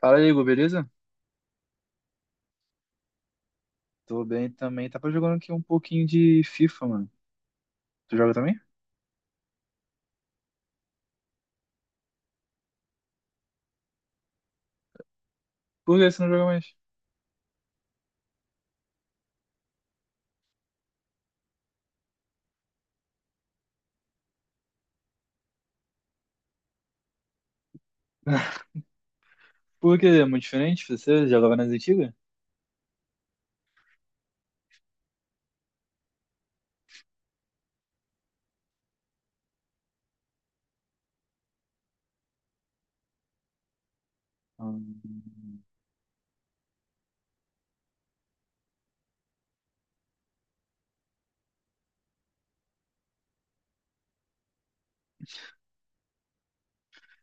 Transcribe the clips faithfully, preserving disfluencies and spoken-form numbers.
Fala, Igor, beleza? Tô bem também. Tava jogando aqui um pouquinho de FIFA, mano. Tu joga também? Por que você não joga mais? Por que é muito diferente? Você jogava nas antigas? Hum.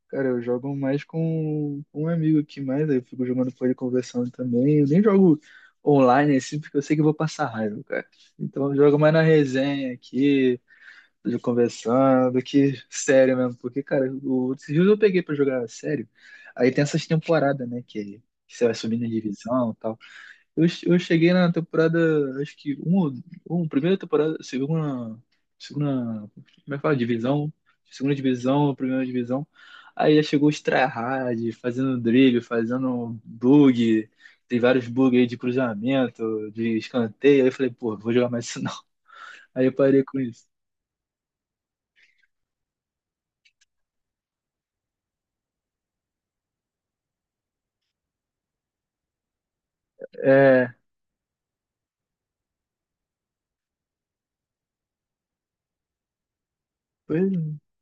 Cara, eu jogo mais com com um amigo aqui mais, aí eu fico jogando com ele conversando também. Eu nem jogo online assim, porque eu sei que eu vou passar raiva, cara. Então eu jogo mais na resenha aqui, de conversando, que sério mesmo. Porque, cara, o, esses dias eu peguei pra jogar sério. Aí tem essas temporadas, né, que, que você vai subindo em divisão e tal. Eu, che- eu cheguei na temporada, acho que um, um primeira temporada, segunda, segunda, como é que fala? Divisão, segunda divisão, primeira divisão. Aí já chegou os tryhard, fazendo drible, fazendo bug, tem vários bugs aí de cruzamento, de escanteio. Aí eu falei, pô, vou jogar mais isso não. Aí eu parei com isso. É. Pois,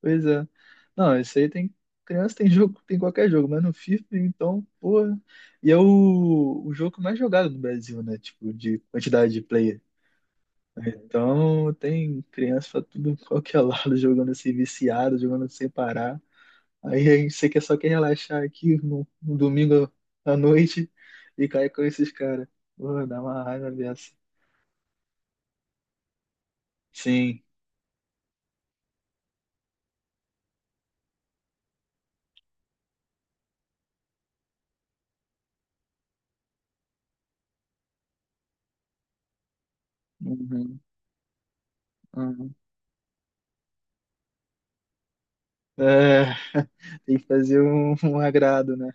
pois é. Não, isso aí tem. Criança tem jogo, tem qualquer jogo, mas no FIFA, então, porra. E é o, o jogo mais jogado no Brasil, né? Tipo, de quantidade de player. Então, tem criança pra tudo, qualquer lado, jogando assim, viciado, jogando sem parar. Aí a gente sei que só quer relaxar aqui no, no domingo à noite e cair com esses caras. Porra, dá uma raiva dessa. Sim. Uhum, uhum. É, tem que fazer um um agrado, né?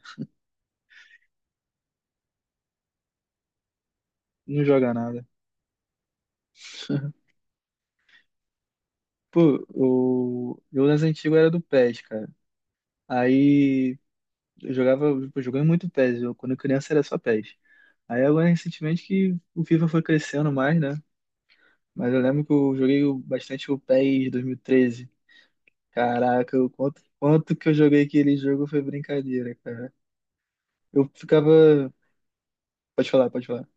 Não joga nada. Pô, o... eu nas antigas era do PES, cara. Aí eu jogava, pô, jogando muito PES. Eu, quando criança era só PES. Aí agora recentemente que o FIFA foi crescendo mais, né? Mas eu lembro que eu joguei o- bastante o PES dois mil e treze. Caraca, eu, quanto, quanto que eu joguei aquele jogo foi brincadeira, cara. Eu ficava. Pode falar, pode falar.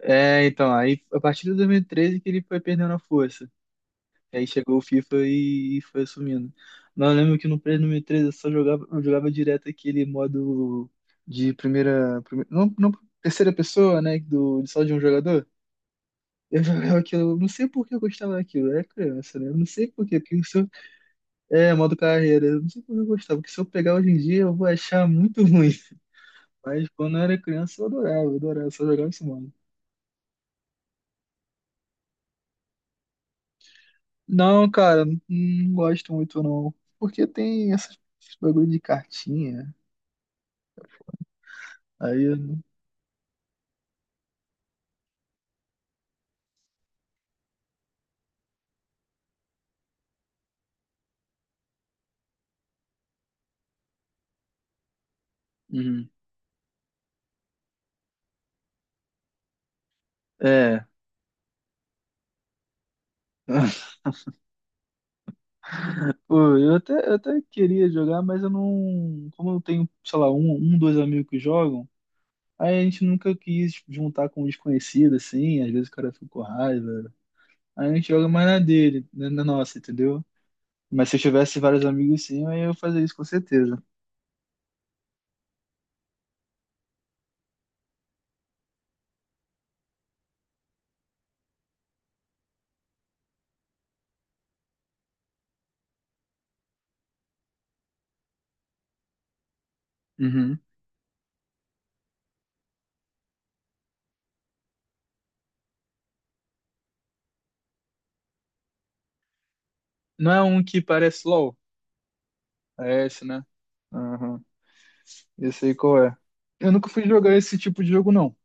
É, então, aí a partir de dois mil e treze que ele foi perdendo a força. Aí chegou o FIFA e, e foi assumindo. Não, eu lembro que no Play número três eu só jogava, eu jogava direto aquele modo de primeira, prime- não, não terceira pessoa, né, do só de um jogador. Eu jogava aquilo, eu não sei por que eu gostava daquilo, eu era criança, né? Eu não sei por quê, porque se eu, é modo carreira, eu não sei por que eu gostava, porque se eu pegar hoje em dia eu vou achar muito ruim. Mas quando eu era criança eu adorava, eu adorava, só jogava esse modo. Não, cara, não, não gosto muito não, porque tem essas bagulho de cartinha. Aí eu. Uhum. É. Pô, eu até, eu até queria jogar, mas eu não. Como eu tenho, sei lá, um, um, dois amigos que jogam, aí a gente nunca quis juntar com um desconhecido, assim. Às vezes o cara fica com raiva. Aí a gente joga mais na dele, na na nossa, entendeu? Mas se eu tivesse vários amigos, sim, aí eu fazia isso com certeza. Uhum. Não é um que parece LOL? É esse, né? Aham. Eu sei qual é. Eu nunca fui jogar esse tipo de jogo, não.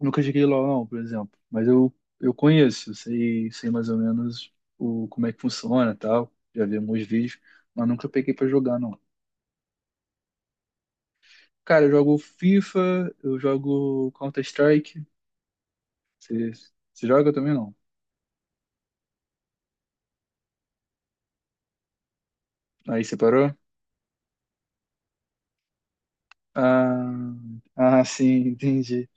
Nunca joguei LoL, não, por exemplo. Mas eu, eu conheço, eu sei, sei mais ou menos o, como é que funciona e tal. Já vi alguns vídeos, mas nunca peguei pra jogar, não. Cara, eu jogo FIFA, eu jogo Counter-Strike. Você você joga também, não? Aí você parou? Ah, ah, sim, entendi.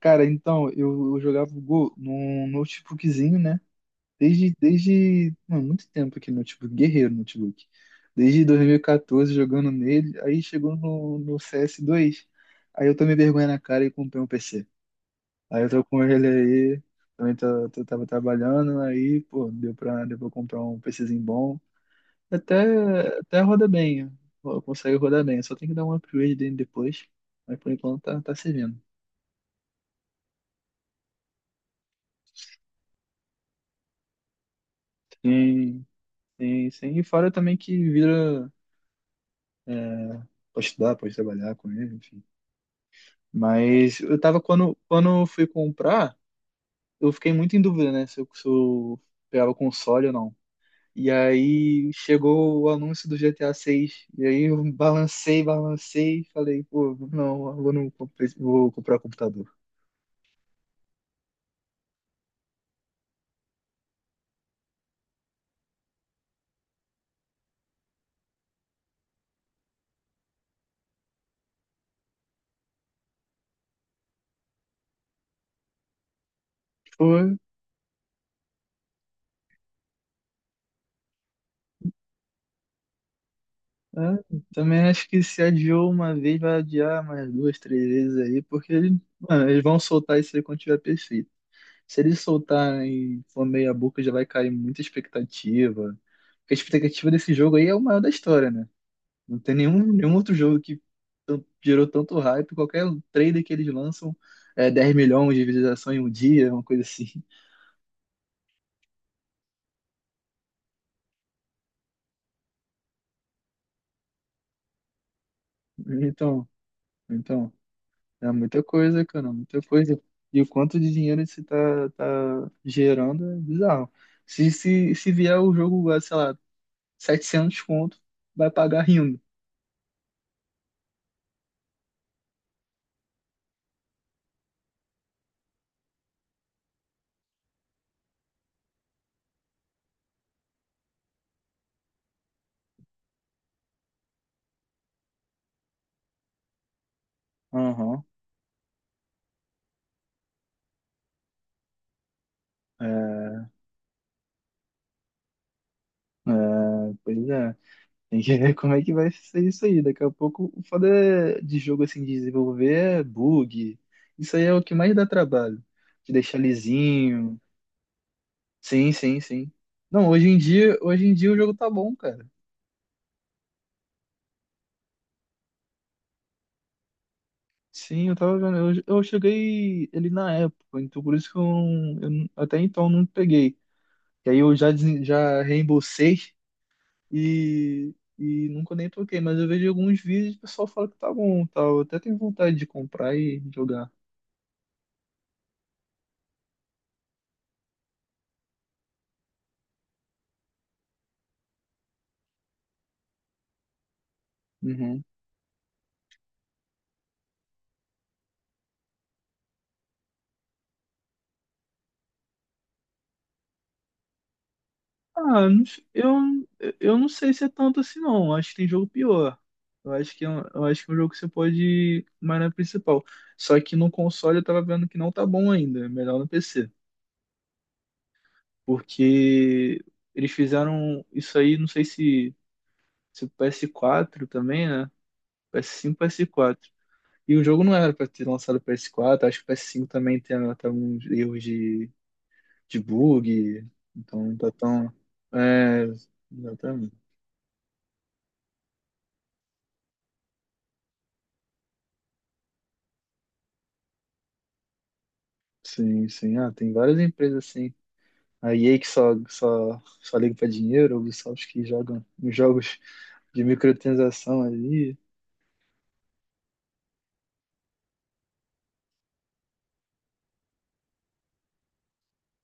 Cara, então, eu, eu jogava o Go num notebookzinho, né? Desde, desde mano, muito tempo aqui no notebook, guerreiro no notebook. Desde dois mil e quatorze jogando nele, aí chegou no, no C S dois, aí eu tomei vergonha na cara e comprei um P C. Aí eu tô com ele aí, também tô, tô- tava trabalhando, aí, pô, deu pra, deu pra comprar um PCzinho bom. Até, até roda bem, ó, consegue rodar bem, só tem que dar um upgrade dele depois, mas por enquanto tá, tá servindo. Sim, sim, sim. E fora também que vira. É. Pode estudar, pode trabalhar com ele, enfim. Mas eu tava, quando, quando eu fui comprar, eu fiquei muito em dúvida, né? Se eu, se eu pegava o console ou não. E aí chegou o anúncio do G T A seis. E aí eu balancei, balancei e falei, pô, não, eu vou, não comprei- vou comprar computador. Pô, é, também acho que se adiou uma vez, vai adiar mais duas, três vezes aí, porque mano, eles vão soltar isso aí quando tiver P C. Se eles soltarem for meia boca, já vai cair muita expectativa. Porque a expectativa desse jogo aí é o maior da história, né? Não tem nenhum, nenhum outro jogo que tan- gerou tanto hype. Qualquer trailer que eles lançam é dez milhões de visualizações em um dia, uma coisa assim. Então, então, é muita coisa, cara, muita coisa. E o quanto de dinheiro isso tá, tá gerando é bizarro. Se, se, se vier o jogo, ah, sei lá, setecentos conto, vai pagar rindo. Aham. Ah, pois é. Tem que ver como é que vai ser isso aí. Daqui a pouco, o foda é de jogo assim, de desenvolver é bug. Isso aí é o que mais dá trabalho. De deixar lisinho. Sim, sim, sim. Não, hoje em dia, hoje em dia o jogo tá bom, cara. Sim, eu tava vendo. Eu, eu cheguei ele na época, então por isso que eu, não- eu não- até então não peguei. E aí eu já, desen- já reembolsei. E, e nunca nem toquei, mas eu vejo alguns vídeos e o pessoal fala que tá bom, e tal. Eu até tenho vontade de comprar e jogar. Uhum. Ah, não s- eu, eu não sei se é tanto assim, não. Acho que tem jogo pior. Eu acho que é um, eu acho que é um jogo que você pode ir mais na principal. Só que no console eu tava vendo que não tá bom ainda. É melhor no P C. Porque eles fizeram isso aí, não sei se, se o P S quatro também, né? P S cinco, P S quatro. E o jogo não era pra ter lançado pro P S quatro, acho que o P S cinco também tem até alguns erros de, de bug, então não tá tão. É, exatamente. Sim, sim. Ah, tem várias empresas assim. A E A que só, só, só liga pra dinheiro, a Ubisoft que jogam uns jogos de microtransação ali.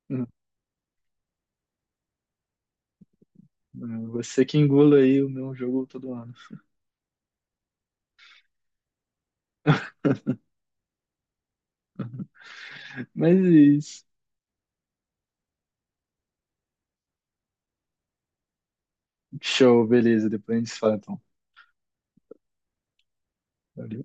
Hum, hum. Você que engula aí o meu jogo todo ano. Mas é isso. Show, beleza. Depois a gente se fala então. Valeu.